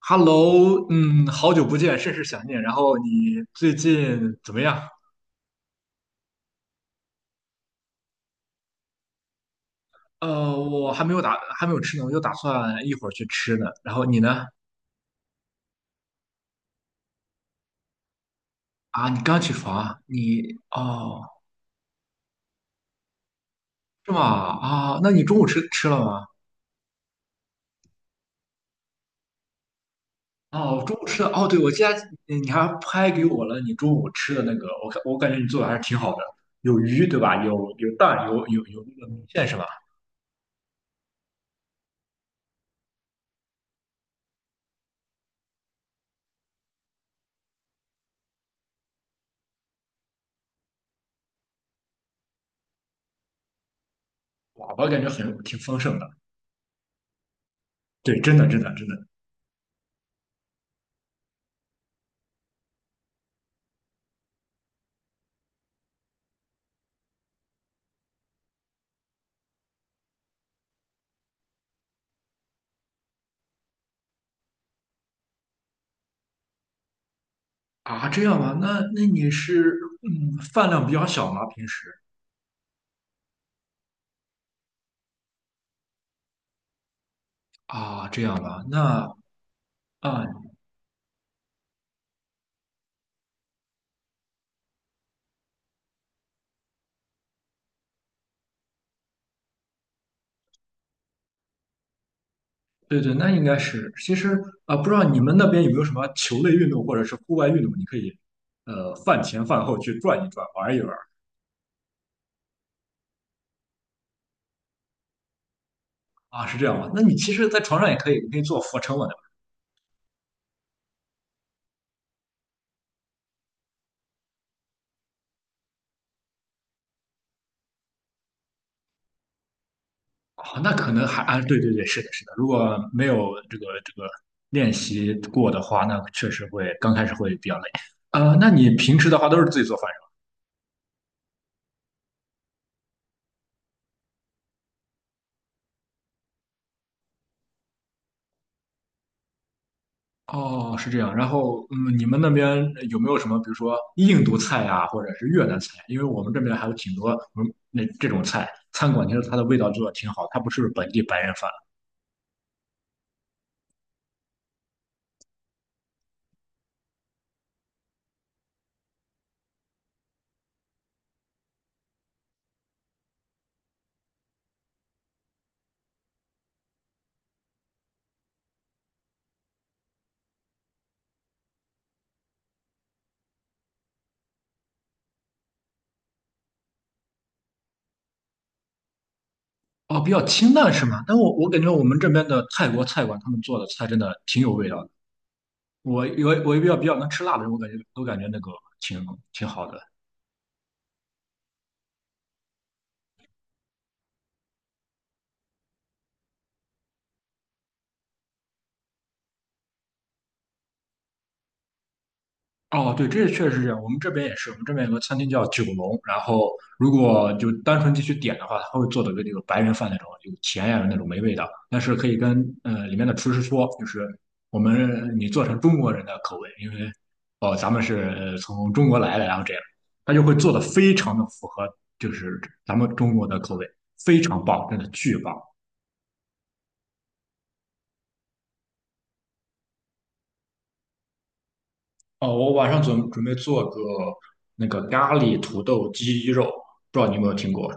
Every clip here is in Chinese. Hello，好久不见，甚是想念。然后你最近怎么样？我还没有吃呢，我就打算一会儿去吃呢。然后你呢？啊，你刚起床啊你哦，是吗？啊，那你中午吃了吗？哦，中午吃的哦，对，我记得你还拍给我了你中午吃的那个，我看我感觉你做的还是挺好的，有鱼对吧？有有蛋，有那个米线是吧？哇，我感觉很挺丰盛的。对，真的。啊，这样吗？那那你是嗯，饭量比较小吗？平时啊，这样吧，那啊，对对，那应该是。其实啊，不知道你们那边有没有什么球类运动或者是户外运动，你可以呃饭前饭后去转一转，玩一玩。啊，是这样吗？那你其实，在床上也可以，你可以做俯卧撑嘛，对吧啊，那可能还啊，对对对，是的，是的。如果没有这个练习过的话，那确实会刚开始会比较累。呃，那你平时的话都是自己做饭。哦，是这样。然后，嗯，你们那边有没有什么，比如说印度菜呀，或者是越南菜？因为我们这边还有挺多，嗯，那这种菜，餐馆其实它的味道做的挺好，它不是本地白人饭。哦，比较清淡是吗？但我感觉我们这边的泰国菜馆，他们做的菜真的挺有味道的。我比较能吃辣的人，我感觉都感觉那个挺好的。哦，对，这确实是这样。我们这边也是，我们这边有个餐厅叫九龙，然后如果就单纯进去点的话，他会做的跟那个白人饭那种，有甜呀那种没味道，但是可以跟呃里面的厨师说，就是我们你做成中国人的口味，因为哦咱们是呃从中国来的，然后这样，他就会做的非常的符合就是咱们中国的口味，非常棒，真的巨棒。哦，我晚上准备做个那个咖喱土豆鸡肉，不知道你有没有听过？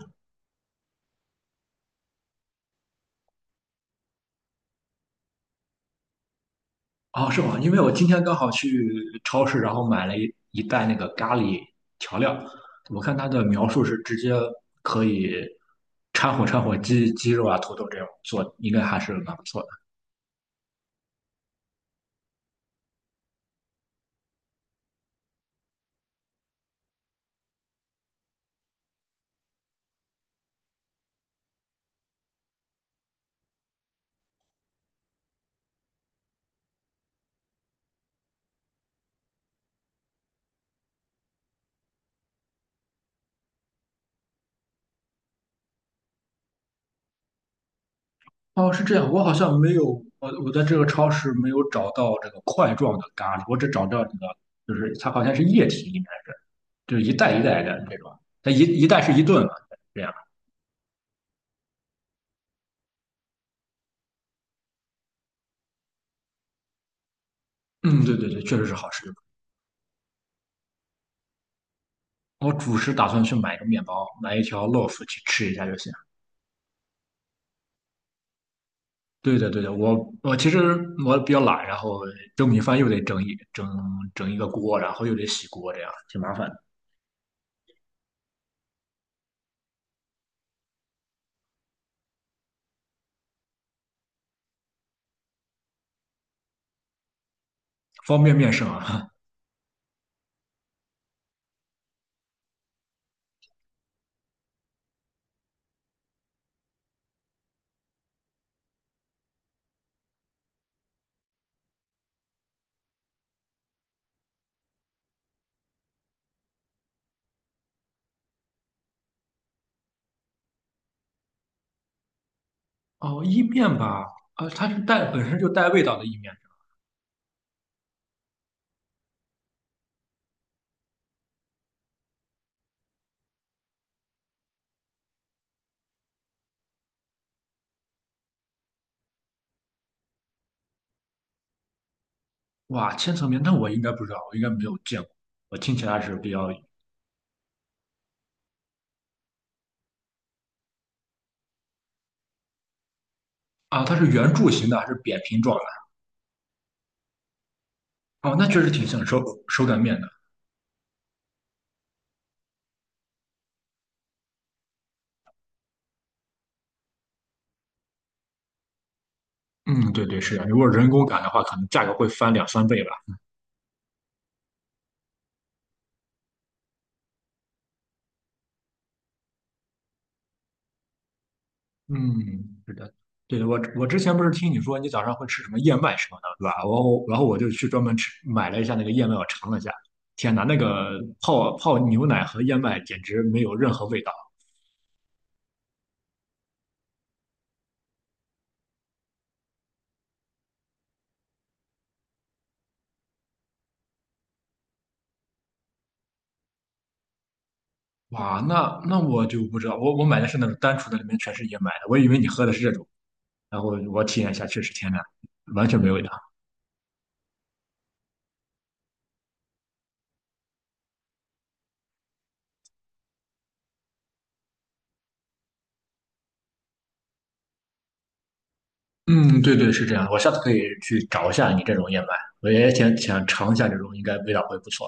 哦，是吗？因为我今天刚好去超市，然后买了一袋那个咖喱调料，我看它的描述是直接可以掺和掺和鸡肉啊、土豆这种做，应该还是蛮不错的。哦，是这样，我好像没有，我在这个超市没有找到这个块状的咖喱，我只找到这个，就是它好像是液体，应该是就是一袋一袋的这种，它一袋是一顿嘛，这样。嗯，对对对，确实是好吃。我主食打算去买一个面包，买一条 loaf 去吃一下就行。对的，对的，我其实我比较懒，然后蒸米饭又得整一个锅，然后又得洗锅，这样挺麻烦的。方便面是吗？哦，意面吧，啊，它是带本身就带味道的意面。哇，千层面，那我应该不知道，我应该没有见过。我听起来是比较啊，它是圆柱形的还是扁平状的？哦，那确实挺像手擀面的。嗯，对对，是啊，如果人工擀的话，可能价格会翻两三倍吧。嗯，是的，对，的，我之前不是听你说你早上会吃什么燕麦什么的，对吧？我后然后我就去专门吃买了一下那个燕麦，我尝了一下，天哪，那个泡泡牛奶和燕麦简直没有任何味道。哇，那那我就不知道，我买的是那种单纯的，里面全是燕麦的，我以为你喝的是这种，然后我体验一下，确实天哪，完全没有味道。嗯，对对，是这样的，我下次可以去找一下你这种燕麦，我也想尝一下这种，应该味道会不错。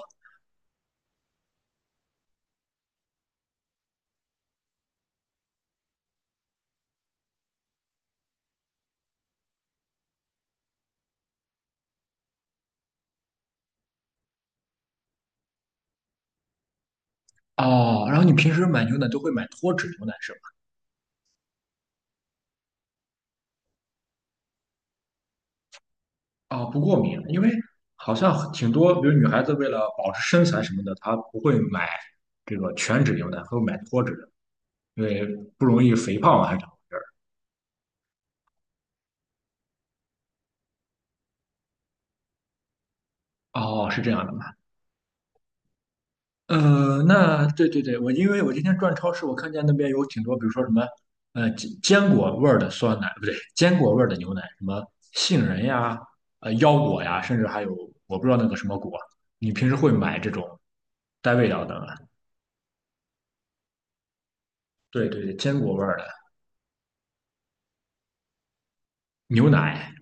哦，然后你平时买牛奶都会买脱脂牛奶是吧？啊，不过敏，因为好像挺多，比如女孩子为了保持身材什么的，她不会买这个全脂牛奶，她会买脱脂的，因为不容易肥胖啊，还是哦，是这样的吗？呃，那对对对，我因为我今天转超市，我看见那边有挺多，比如说什么呃坚果味儿的酸奶，不对，坚果味儿的牛奶，什么杏仁呀、呃腰果呀，甚至还有我不知道那个什么果，你平时会买这种带味道的吗？对对对，坚果味儿的牛奶。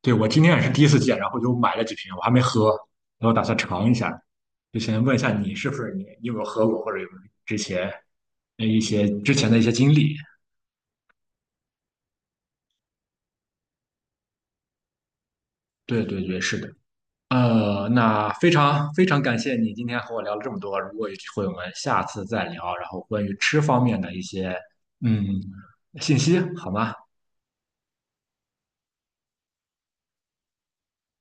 对，我今天也是第一次见，然后就买了几瓶，我还没喝，然后打算尝一下。就先问一下你是不是你，你有没有喝过，或者有没有之前呃一些之前的一些经历？对对对，是的。呃，那非常非常感谢你今天和我聊了这么多。如果有机会，我们下次再聊，然后关于吃方面的一些嗯信息，好吗？